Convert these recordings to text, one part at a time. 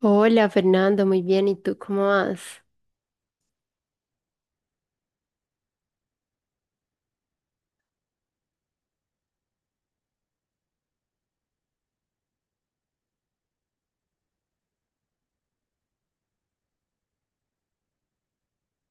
Hola Fernando, muy bien. ¿Y tú cómo vas?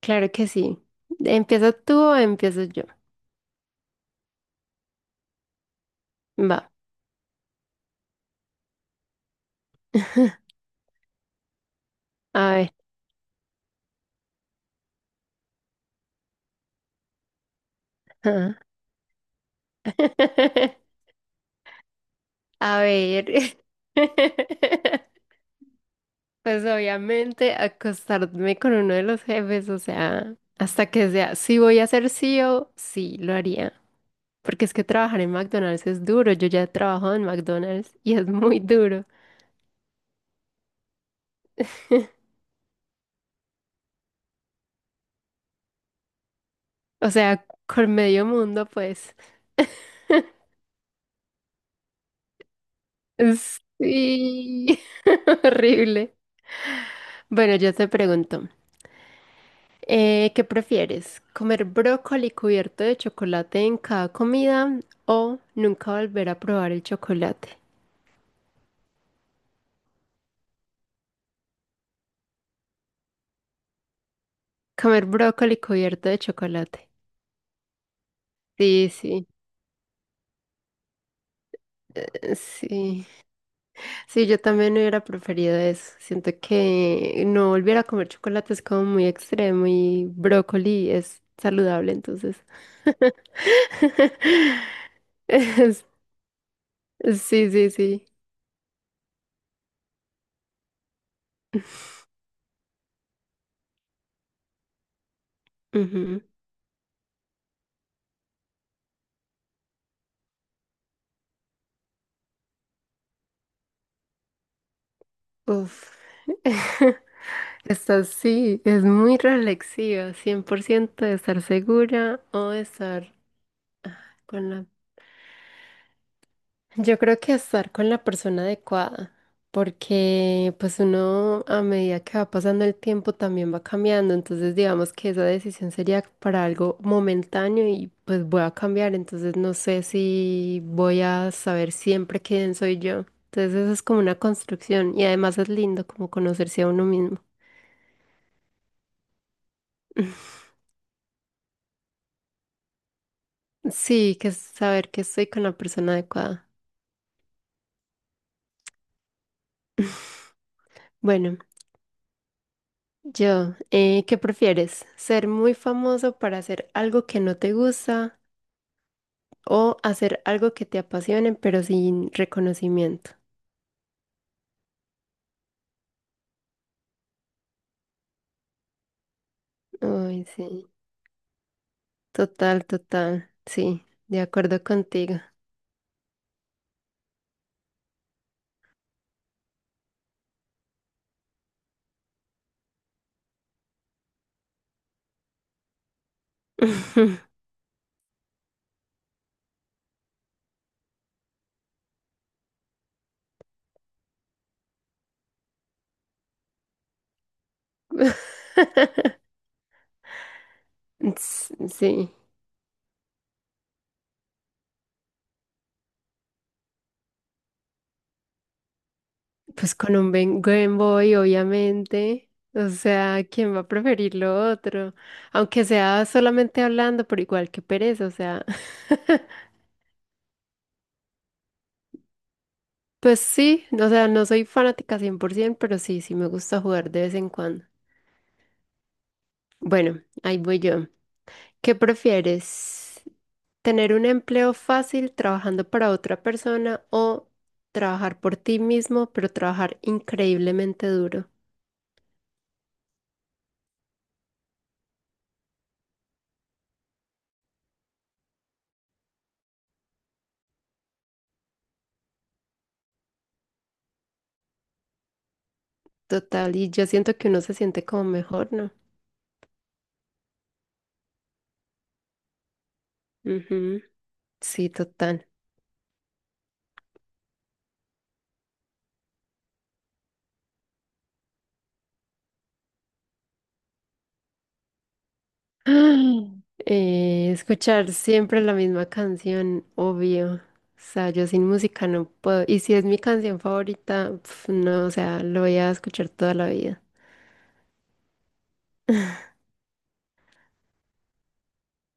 Claro que sí. ¿Empiezas tú o empiezo yo? Va. A ver. Ajá. A ver. Pues obviamente acostarme con uno de los jefes, o sea, hasta que sea, si voy a ser CEO, sí, lo haría. Porque es que trabajar en McDonald's es duro. Yo ya he trabajado en McDonald's y es muy duro. O sea, con medio mundo, pues. Sí, horrible. Bueno, yo te pregunto, ¿qué prefieres? ¿Comer brócoli cubierto de chocolate en cada comida o nunca volver a probar el chocolate? Comer brócoli cubierto de chocolate. Sí, sí, sí. Sí, yo también hubiera preferido eso. Siento que no volver a comer chocolate es como muy extremo y brócoli es saludable, entonces. Sí, sí, sí. Ujú. Uf. Esta sí, es muy reflexiva, 100% de estar segura o de estar con la. Yo creo que estar con la persona adecuada, porque pues uno a medida que va pasando el tiempo también va cambiando, entonces digamos que esa decisión sería para algo momentáneo y pues voy a cambiar, entonces no sé si voy a saber siempre quién soy yo. Entonces eso es como una construcción y además es lindo como conocerse a uno mismo. Sí, que es saber que estoy con la persona adecuada. Bueno, yo, ¿qué prefieres? ¿Ser muy famoso para hacer algo que no te gusta o hacer algo que te apasione, pero sin reconocimiento? Ay, sí. Total, total. Sí, de acuerdo contigo. Sí, pues con un Game Boy, obviamente. O sea, ¿quién va a preferir lo otro? Aunque sea solamente hablando, pero igual que pereza, o sea. Pues sí, o sea, no soy fanática 100%, pero sí, sí me gusta jugar de vez en cuando. Bueno, ahí voy yo. ¿Qué prefieres? ¿Tener un empleo fácil trabajando para otra persona o trabajar por ti mismo, pero trabajar increíblemente duro? Total, y yo siento que uno se siente como mejor, ¿no? Ujú, sí, total. Escuchar siempre la misma canción, obvio. O sea, yo sin música no puedo. Y si es mi canción favorita, pf, no, o sea, lo voy a escuchar toda la vida.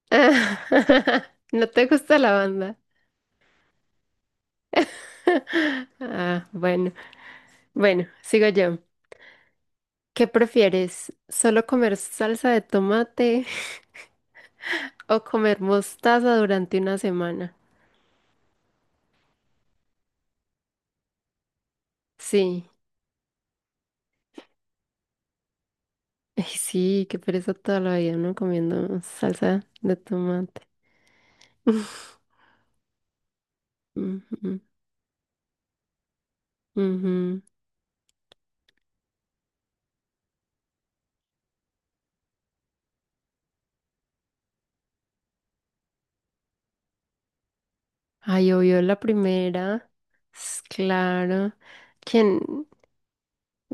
¿No te gusta la banda? Ah, bueno. Bueno, sigo yo. ¿Qué prefieres? ¿Solo comer salsa de tomate o comer mostaza durante una semana? Sí. Ay, sí, qué pereza toda la vida, ¿no? Comiendo salsa de tomate. Ujú, ujú. Ay, obvio, la primera. Claro. ¿Quién?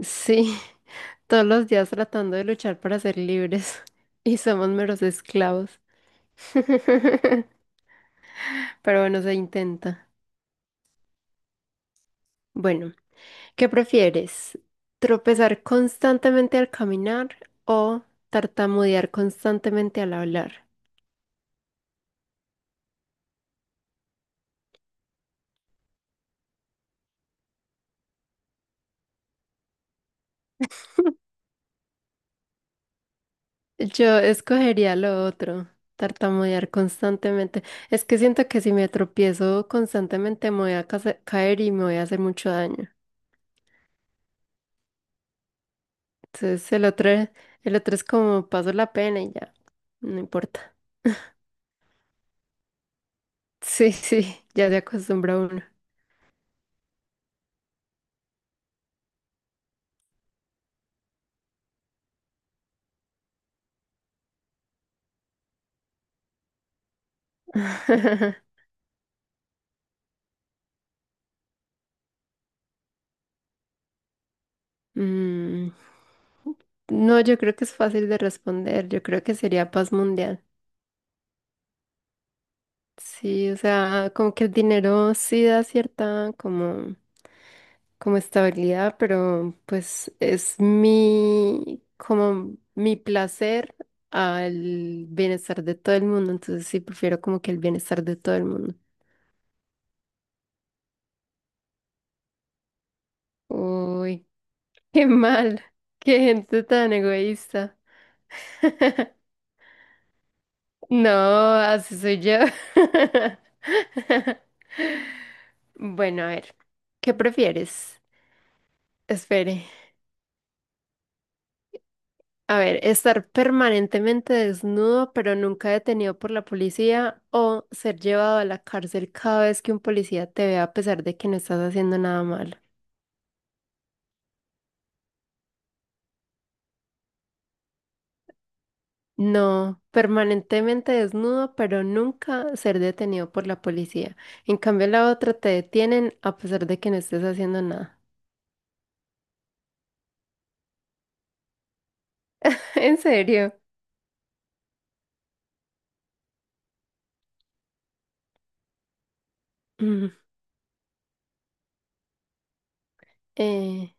Sí. Todos los días tratando de luchar para ser libres. Y somos meros esclavos. Pero bueno, se intenta. Bueno. ¿Qué prefieres? ¿Tropezar constantemente al caminar o tartamudear constantemente al hablar? Yo escogería lo otro, tartamudear constantemente. Es que siento que si me tropiezo constantemente me voy a caer y me voy a hacer mucho daño. Entonces el otro es como paso la pena y ya, no importa. Sí, sí, ya se acostumbra uno. Mm, no, yo creo que es fácil de responder. Yo creo que sería paz mundial. Sí, o sea, como que el dinero sí da cierta como estabilidad, pero pues es como mi placer al bienestar de todo el mundo. Entonces sí, prefiero como que el bienestar de todo el mundo. Uy, qué mal, qué gente tan egoísta. No, así soy yo. Bueno, a ver, ¿qué prefieres? Espere. A ver, ¿estar permanentemente desnudo pero nunca detenido por la policía o ser llevado a la cárcel cada vez que un policía te vea a pesar de que no estás haciendo nada malo? No, permanentemente desnudo pero nunca ser detenido por la policía. En cambio, la otra te detienen a pesar de que no estés haciendo nada. ¿En serio? Mm. Eh,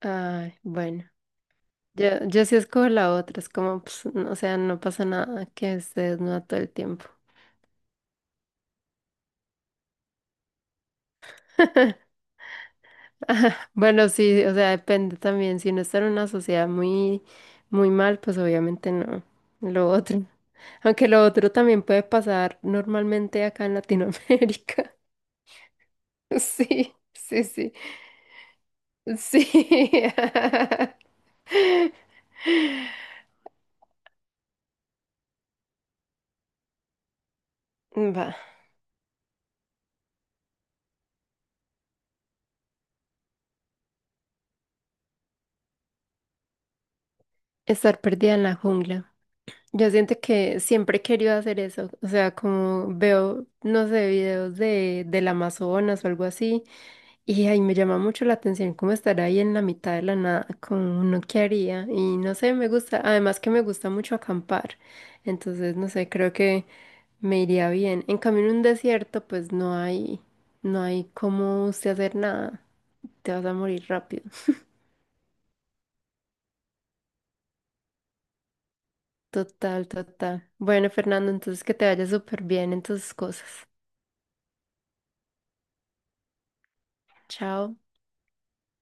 Ay, bueno, yo sí escojo la otra, es como, pues, o sea, no pasa nada que esté desnuda todo el tiempo. Ajá, bueno, sí, o sea, depende también. Si uno está en una sociedad muy mal, pues obviamente no. Lo otro. Aunque lo otro también puede pasar normalmente acá en Latinoamérica. Sí, sí, sí. Sí. Va. Estar perdida en la jungla. Yo siento que siempre he querido hacer eso, o sea, como veo, no sé, videos del Amazonas o algo así, y ahí me llama mucho la atención cómo estar ahí en la mitad de la nada, como uno que haría, y no sé, me gusta, además que me gusta mucho acampar, entonces, no sé, creo que me iría bien. En cambio, en un desierto, pues no hay, no hay cómo usted hacer nada, te vas a morir rápido, total, total. Bueno, Fernando, entonces que te vaya súper bien en tus cosas. Chao.